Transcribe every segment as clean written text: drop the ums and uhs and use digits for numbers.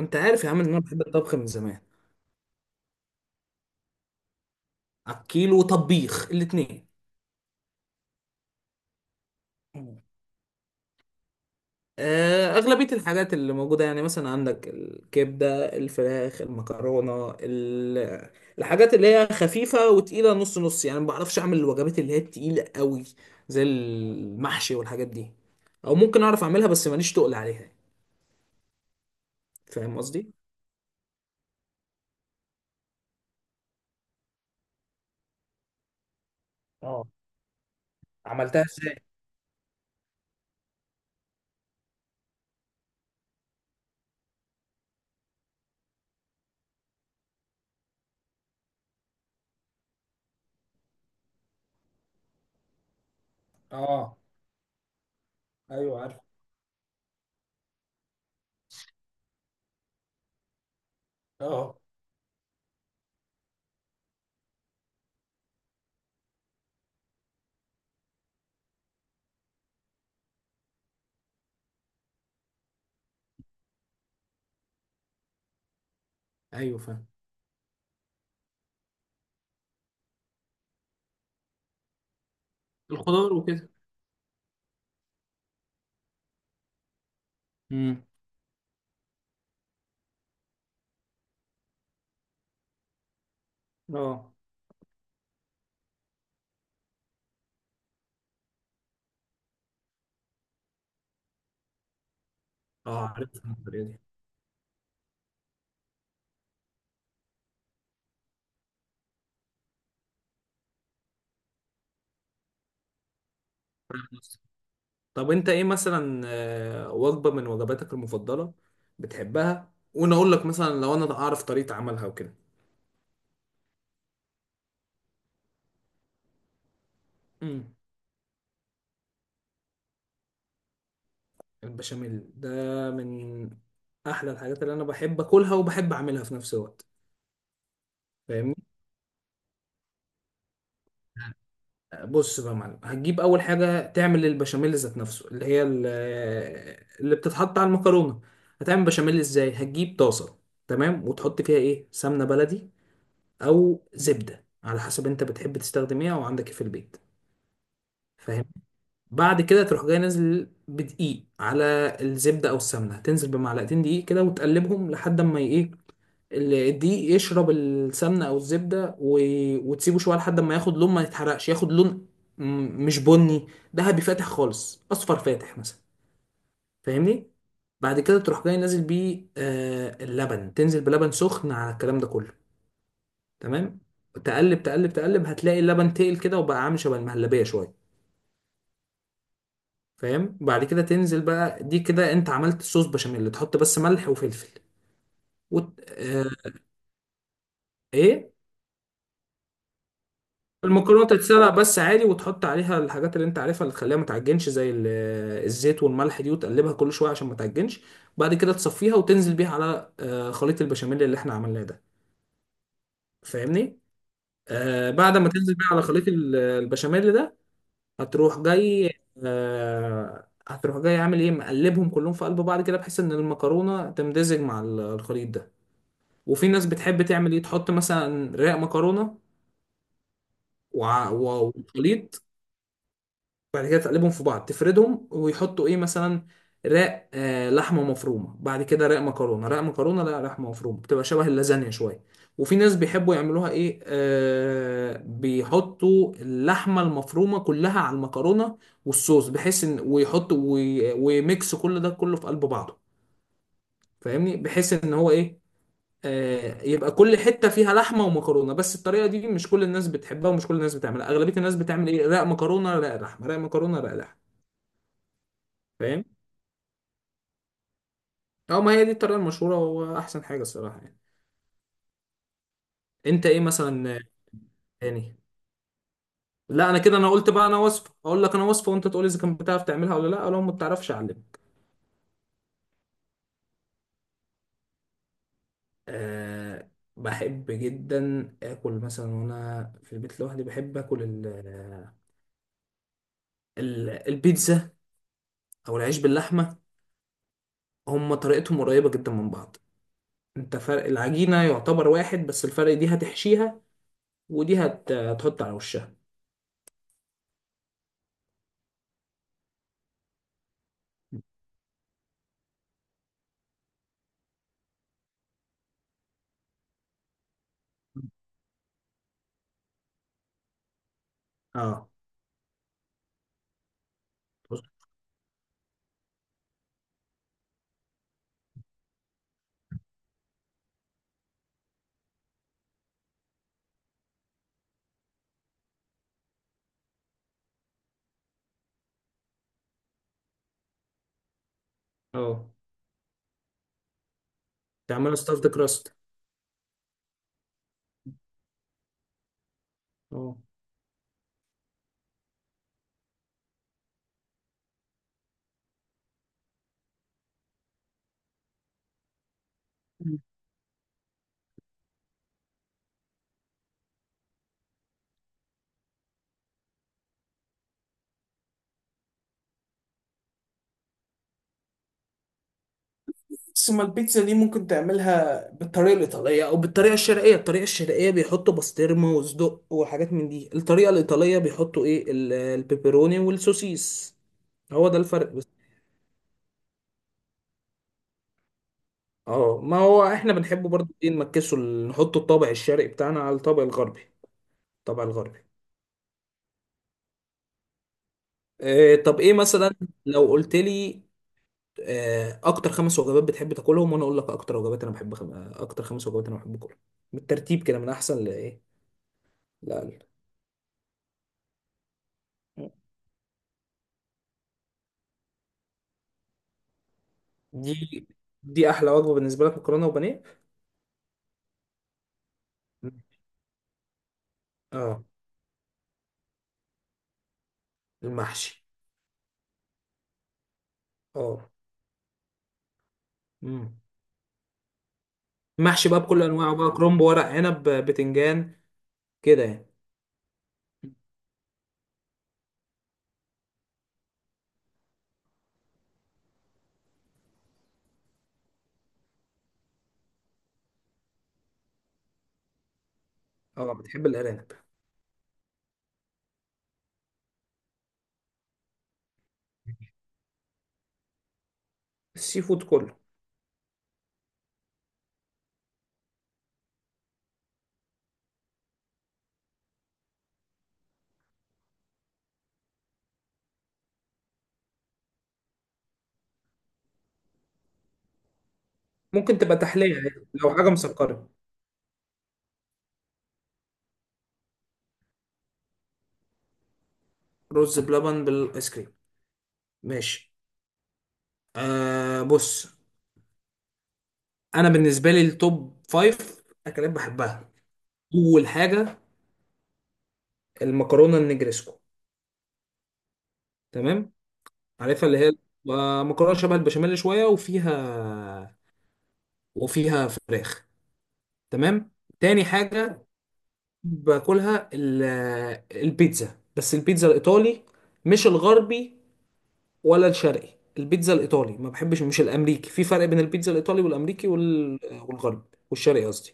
انت عارف يا عم ان انا بحب الطبخ من زمان. اكيل وطبيخ الاتنين. اغلبيه الحاجات اللي موجوده يعني مثلا عندك الكبده، الفراخ، المكرونه، الحاجات اللي هي خفيفه وتقيله نص نص، يعني ما بعرفش اعمل الوجبات اللي هي التقيله قوي زي المحشي والحاجات دي، او ممكن اعرف اعملها بس ماليش تقل عليها. فاهم قصدي؟ اه. عملتها ازاي؟ اه. ايوه عارف. اه. ايوه فاهم. الخضار وكده. امم. اه. اه، عارف الطريقه دي. طب انت ايه مثلا وجبة من وجباتك المفضلة بتحبها، وانا اقول لك مثلا لو انا اعرف طريقة عملها وكده. امم. البشاميل ده من احلى الحاجات اللي انا بحب اكلها وبحب اعملها في نفس الوقت. فاهمني؟ بص بقى يا معلم، هتجيب اول حاجة تعمل البشاميل ذات نفسه اللي بتتحط على المكرونة. هتعمل بشاميل ازاي؟ هتجيب طاسة، تمام، وتحط فيها ايه؟ سمنة بلدي او زبدة، على حسب انت بتحب تستخدم ايه او عندك ايه في البيت. فاهم؟ بعد كده تروح جاي نازل بدقيق على الزبدة أو السمنة، تنزل بمعلقتين دقيق كده وتقلبهم لحد ما إيه؟ الدقيق يشرب السمنة أو الزبدة، وتسيبه شوية لحد ما ياخد لون، ما يتحرقش، ياخد لون مش بني، ذهبي فاتح خالص، أصفر فاتح مثلا. فاهمني؟ بعد كده تروح جاي نازل بيه اللبن، تنزل بلبن سخن على الكلام ده كله. تمام؟ تقلب تقلب، هتلاقي اللبن تقل كده وبقى عامل شبه المهلبية شوية. فاهم؟ وبعد كده تنزل بقى، دي كده انت عملت صوص بشاميل، تحط بس ملح وفلفل وت... آه... ايه. المكرونه تتسلق بس عادي، وتحط عليها الحاجات اللي انت عارفها اللي تخليها ما تعجنش، زي الزيت والملح دي، وتقلبها كل شويه عشان ما تعجنش. بعد كده تصفيها وتنزل بيها على خليط البشاميل اللي احنا عملناه ده. فاهمني؟ آه، بعد ما تنزل بيها على خليط البشاميل ده، هتروح جاي. هتروح جاي عامل ايه؟ مقلبهم كلهم في قلب بعض كده، بحيث ان المكرونه تمتزج مع الخليط ده. وفي ناس بتحب تعمل ايه؟ تحط مثلا رق مكرونه وخليط، بعد كده تقلبهم في بعض، تفردهم ويحطوا ايه مثلا؟ رق، لحمه مفرومه، بعد كده رق مكرونه، رق مكرونه لا لحمه مفرومه، بتبقى شبه اللازانيا شويه. وفي ناس بيحبوا يعملوها ايه؟ بيحطوا اللحمه المفرومه كلها على المكرونه والصوص، بحيث ان ويميكس كل ده كله في قلب بعضه. فاهمني؟ بحيث ان هو ايه؟ آه، يبقى كل حته فيها لحمه ومكرونه. بس الطريقه دي مش كل الناس بتحبها ومش كل الناس بتعملها، اغلبيه الناس بتعمل ايه؟ رق مكرونه رق لحمه، رق مكرونه رق لحمه. فاهم؟ اه، ما هي دي الطريقه المشهوره واحسن حاجه الصراحه يعني. انت ايه مثلا تاني؟ لا انا كده، انا قلت بقى، انا وصفه، اقول لك انا وصفه وانت تقول لي اذا كنت بتعرف تعملها ولا لا، لو ما بتعرفش اعلمك. أه، بحب جدا اكل مثلا وانا في البيت لوحدي، بحب اكل البيتزا او العيش باللحمه. هم طريقتهم قريبه جدا من بعض، انت فرق العجينة يعتبر واحد، بس الفرق دي هتحشيها ودي هتحط على وشها. اه. اه، تعملها ستافد كراست. اه. ثم البيتزا دي ممكن تعملها بالطريقة الإيطالية أو بالطريقة الشرقية. الطريقة الشرقية بيحطوا بسطرمة وصدق وحاجات من دي، الطريقة الإيطالية بيحطوا إيه؟ البيبروني والسوسيس. هو ده الفرق بس. اه، ما هو احنا بنحبه برضه ايه؟ نمكسه، نحط الطابع الشرقي بتاعنا على الطابع الغربي. الطابع الغربي. آه، طب ايه مثلا لو قلت لي اكتر 5 وجبات بتحب تاكلهم، وانا اقول لك اكتر وجبات انا بحب خم... آه، اكتر خمس وجبات انا بحب اكلهم، بالترتيب كده من احسن لايه، لاقل. دي احلى وجبه بالنسبه لك، مكرونه وبانيه؟ اه. المحشي؟ اه. امم. محشي بقى بكل انواعه بقى، كرنب ورق عنب بتنجان كده يعني. اه. بتحب الارانب؟ السي فود كله. ممكن تبقى تحليه يعني، لو حاجه مسكره. رز بلبن بالايس كريم؟ ماشي. آه، بص، انا بالنسبه لي التوب فايف اكلات بحبها. اول حاجه المكرونه النجريسكو، تمام، عارفها اللي هي آه، مكرونه شبه البشاميل شويه، وفيها وفيها فراخ، تمام. تاني حاجه باكلها البيتزا، بس البيتزا الايطالي، مش الغربي ولا الشرقي. البيتزا الايطالي، ما بحبش مش الامريكي، في فرق بين البيتزا الايطالي والامريكي والغربي والشرقي قصدي.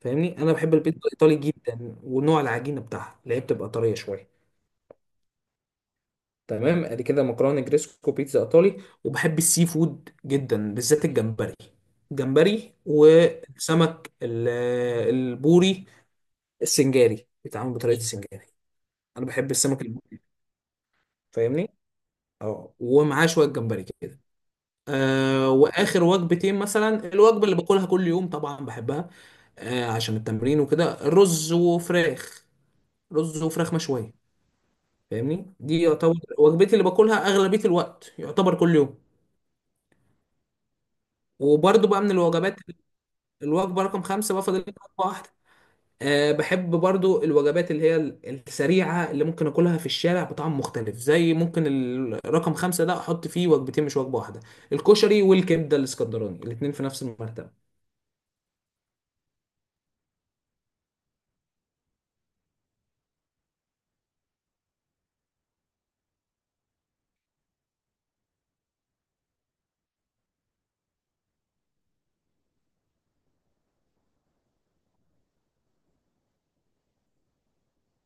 فاهمني؟ انا بحب البيتزا الايطالي جدا، ونوع العجينه بتاعها اللي هي بتبقى طريه شويه. تمام، ادي كده مكرونه جريسكو، بيتزا ايطالي. وبحب السي فود جدا، بالذات الجمبري. الجمبري والسمك البوري السنجاري، بيتعمل بطريقه السنجاري. انا بحب السمك البوري. فاهمني؟ اه، ومعاه شويه جمبري كده. آه، واخر وجبتين مثلا، الوجبه اللي باكلها كل يوم طبعا بحبها، آه، عشان التمرين وكده، رز وفراخ، رز وفراخ مشويه. فاهمني؟ دي يعتبر وجبتي اللي باكلها اغلبيه الوقت، يعتبر كل يوم. وبرضو بقى من الوجبات، الوجبة رقم 5 بقى، فاضل لي وجبة واحدة. أه، بحب برضو الوجبات اللي هي السريعة اللي ممكن أكلها في الشارع بطعم مختلف، زي ممكن رقم 5 ده أحط فيه وجبتين مش وجبة واحدة، الكشري والكبدة الإسكندراني، الاتنين في نفس المرتبة.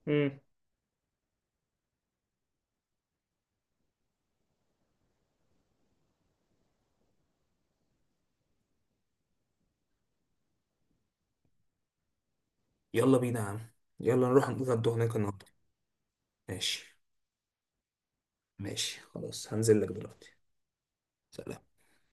امم. يلا بينا يا عم، يلا نروح نتغدى هناك النهاردة. ماشي. ماشي خلاص، هنزل لك دلوقتي. سلام.